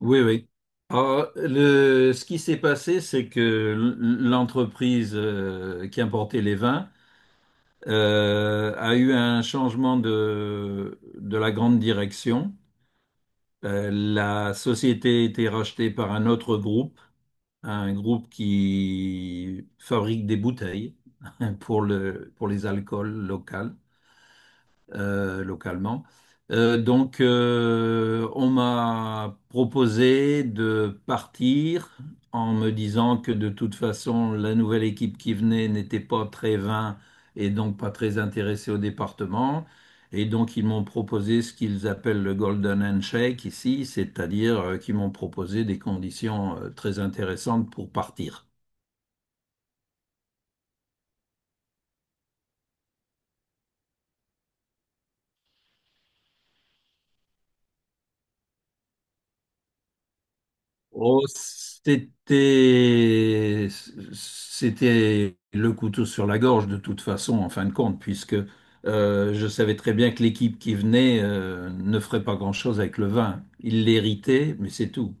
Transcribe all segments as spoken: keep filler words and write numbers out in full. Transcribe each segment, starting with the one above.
Oui, oui. Alors, le, ce qui s'est passé, c'est que l- l'entreprise euh, qui importait les vins euh, a eu un changement de, de la grande direction. Euh, la société a été rachetée par un autre groupe, un groupe qui fabrique des bouteilles pour le, pour les alcools locaux euh, localement. Euh, donc, euh, on m'a proposé de partir en me disant que de toute façon, la nouvelle équipe qui venait n'était pas très vain et donc pas très intéressée au département. Et donc, ils m'ont proposé ce qu'ils appellent le Golden Handshake ici, c'est-à-dire euh, qu'ils m'ont proposé des conditions euh, très intéressantes pour partir. Oh, c'était, c'était le couteau sur la gorge de toute façon, en fin de compte, puisque euh, je savais très bien que l'équipe qui venait euh, ne ferait pas grand-chose avec le vin. Ils l'héritaient mais c'est tout.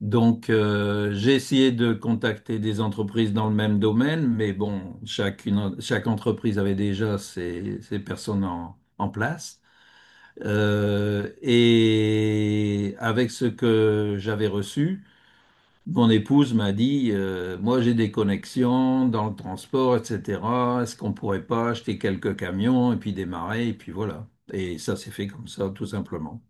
Donc, euh, j'ai essayé de contacter des entreprises dans le même domaine, mais bon, chacune, chaque entreprise avait déjà ses, ses personnes en, en place. Euh, et avec ce que j'avais reçu, mon épouse m'a dit, euh, moi j'ai des connexions dans le transport, et cetera. Est-ce qu'on pourrait pas acheter quelques camions et puis démarrer, et puis voilà. Et ça s'est fait comme ça, tout simplement.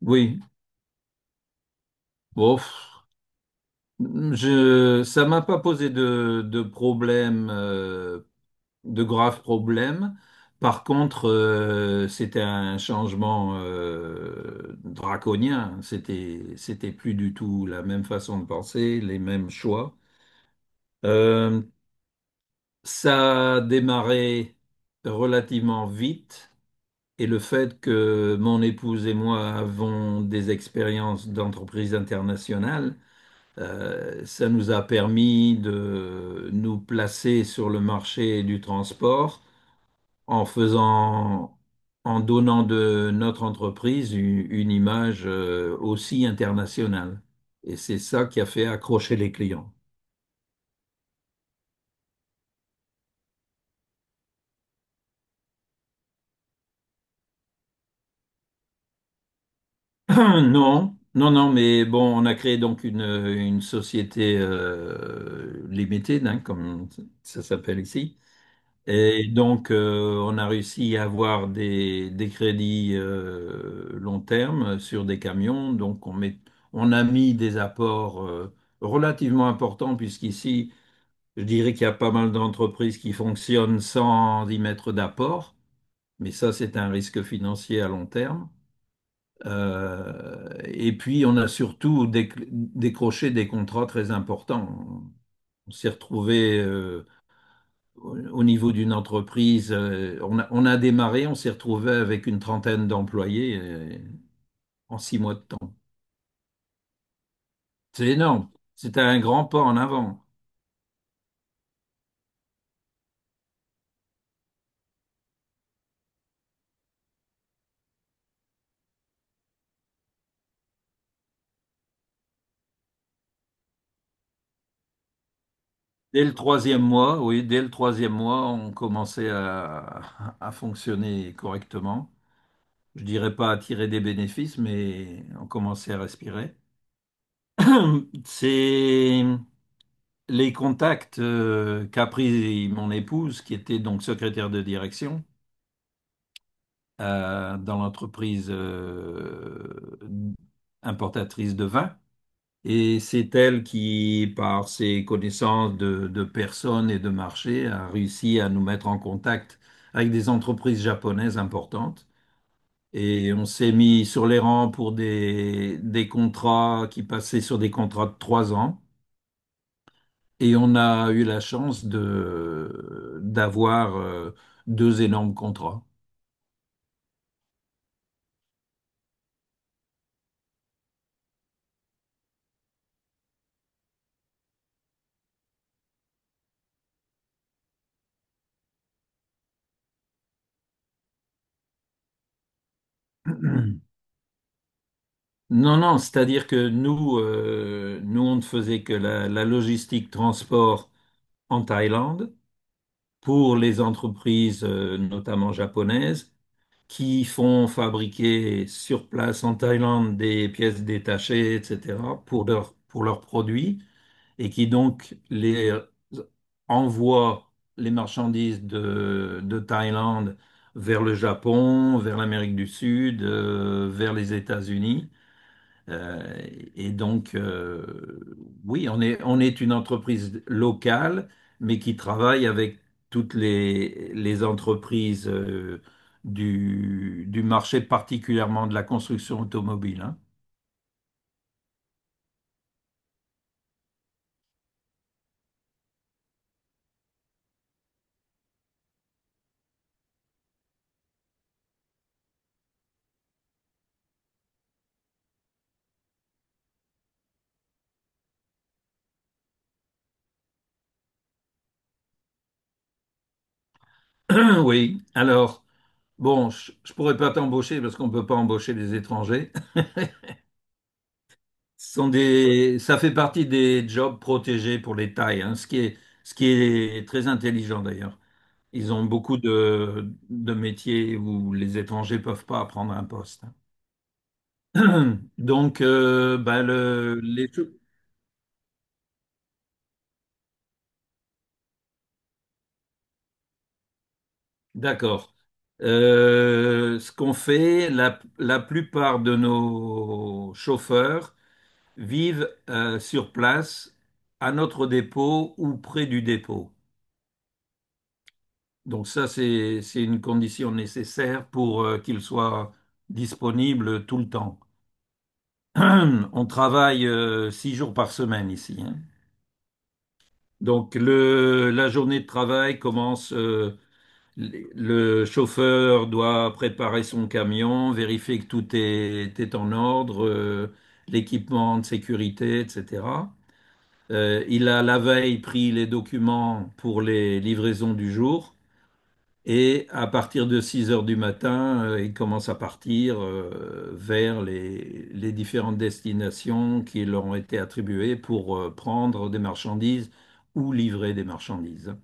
Oui, bon, pff, je, ça m'a pas posé de, de problème, euh, de graves problèmes. Par contre, euh, c'était un changement euh, draconien. C'était, c'était plus du tout la même façon de penser, les mêmes choix. Euh, Ça a démarré relativement vite, et le fait que mon épouse et moi avons des expériences d'entreprise internationale, euh, ça nous a permis de nous placer sur le marché du transport en faisant, en donnant de notre entreprise une, une image, euh, aussi internationale. Et c'est ça qui a fait accrocher les clients. Non, non, non, mais bon, on a créé donc une, une société euh, limitée, hein, comme ça s'appelle ici. Et donc, euh, on a réussi à avoir des, des crédits euh, long terme sur des camions. Donc, on met, on a mis des apports euh, relativement importants, puisqu'ici, je dirais qu'il y a pas mal d'entreprises qui fonctionnent sans y mettre d'apport. Mais ça, c'est un risque financier à long terme. Euh, et puis, on a surtout déc- décroché des contrats très importants. On s'est retrouvé euh, au au niveau d'une entreprise, euh, on a, on a démarré, on s'est retrouvé avec une trentaine d'employés euh, en six mois de temps. C'est énorme. C'était un grand pas en avant. Dès le troisième mois, oui, dès le troisième mois, on commençait à, à fonctionner correctement. Je dirais pas à tirer des bénéfices, mais on commençait à respirer. C'est les contacts euh, qu'a pris mon épouse, qui était donc secrétaire de direction euh, dans l'entreprise euh, importatrice de vin. Et c'est elle qui, par ses connaissances de, de personnes et de marché, a réussi à nous mettre en contact avec des entreprises japonaises importantes. Et on s'est mis sur les rangs pour des, des contrats qui passaient sur des contrats de trois ans. Et on a eu la chance de d'avoir euh, deux énormes contrats. Non, non, c'est-à-dire que nous, euh, nous, on ne faisait que la, la logistique transport en Thaïlande pour les entreprises, euh, notamment japonaises, qui font fabriquer sur place en Thaïlande des pièces détachées, et cetera, pour leurs pour leurs produits, et qui donc les envoie les marchandises de, de Thaïlande vers le Japon, vers l'Amérique du Sud, euh, vers les États-Unis. Euh, et donc, euh, oui, on est, on est une entreprise locale, mais qui travaille avec toutes les, les entreprises euh, du, du marché, particulièrement de la construction automobile, hein. Oui, alors. Bon, je, je pourrais pas t'embaucher parce qu'on peut pas embaucher des étrangers. Ce sont des, ça fait partie des jobs protégés pour les Thaïs, hein, ce qui est, ce qui est très intelligent d'ailleurs. Ils ont beaucoup de, de métiers où les étrangers peuvent pas prendre un poste. Donc, euh, bah, le, les, chou- d'accord. Euh, ce qu'on fait, la, la plupart de nos chauffeurs vivent euh, sur place à notre dépôt ou près du dépôt. Donc ça, c'est, c'est une condition nécessaire pour euh, qu'ils soient disponibles tout le temps. On travaille euh, six jours par semaine ici, hein. Donc le, la journée de travail commence, euh, le le chauffeur doit préparer son camion, vérifier que tout est, est en ordre, euh, l'équipement de sécurité, et cetera. Euh, il a la veille pris les documents pour les livraisons du jour et à partir de six heures du matin, euh, il commence à partir euh, vers les, les différentes destinations qui leur ont été attribuées pour euh, prendre des marchandises ou livrer des marchandises.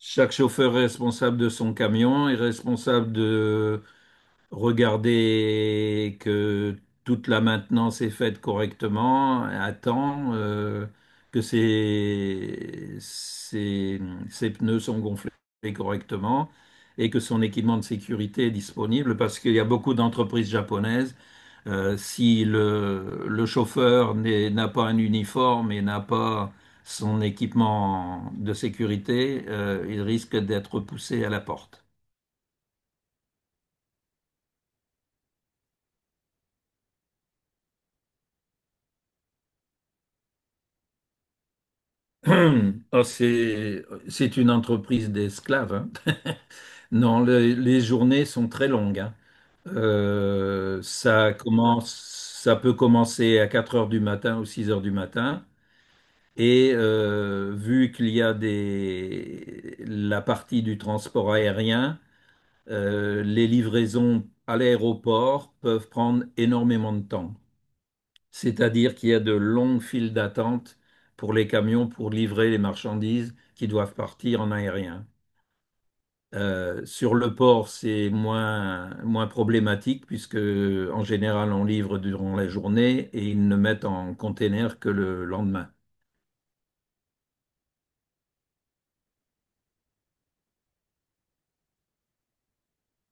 Chaque chauffeur responsable de son camion est responsable de regarder que toute la maintenance est faite correctement à temps, euh, que ses, ses- ses pneus sont gonflés correctement et que son équipement de sécurité est disponible parce qu'il y a beaucoup d'entreprises japonaises. Euh, si le, le chauffeur n'est- n'a pas un uniforme et n'a pas son équipement de sécurité, euh, il risque d'être poussé à la porte. Oh, c'est, c'est une entreprise d'esclaves, hein. Non, le- les journées sont très longues, hein. Euh, ça commence, ça peut commencer à quatre heures du matin ou six heures du matin. Et euh, vu qu'il y a des, la partie du transport aérien, euh, les livraisons à l'aéroport peuvent prendre énormément de temps. C'est-à-dire qu'il y a de longues files d'attente pour les camions pour livrer les marchandises qui doivent partir en aérien. Euh, sur le port, c'est moins, moins problématique puisque en général on livre durant la journée et ils ne mettent en container que le lendemain.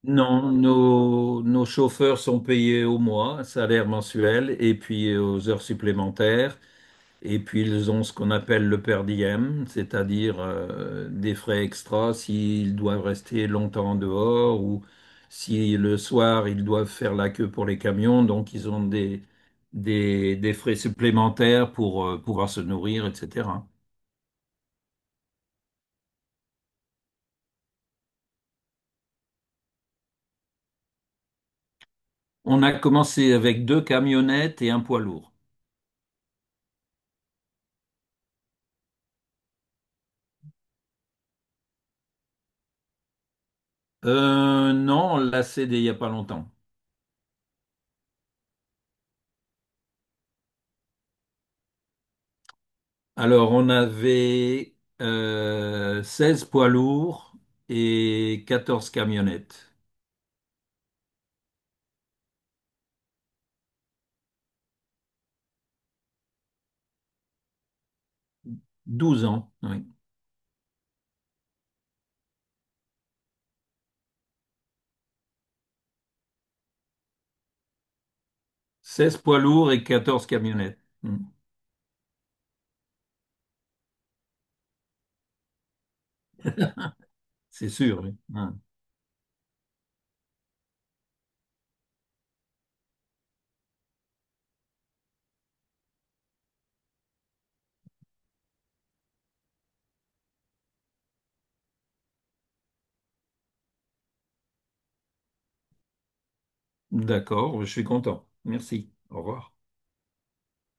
Non, nos, nos chauffeurs sont payés au mois, salaire mensuel et puis aux heures supplémentaires. Et puis ils ont ce qu'on appelle le per diem, c'est-à-dire euh, des frais extras s'ils doivent rester longtemps en dehors ou si le soir ils doivent faire la queue pour les camions, donc ils ont des, des, des frais supplémentaires pour euh, pouvoir se nourrir, et cetera. On a commencé avec deux camionnettes et un poids lourd. Euh, non, on l'a cédé il n'y a pas longtemps. Alors on avait euh, seize poids lourds et quatorze camionnettes. Douze ans, oui. Seize poids lourds et quatorze camionnettes. Hmm. C'est sûr, oui. Hmm. D'accord, je suis content. Merci. Au revoir.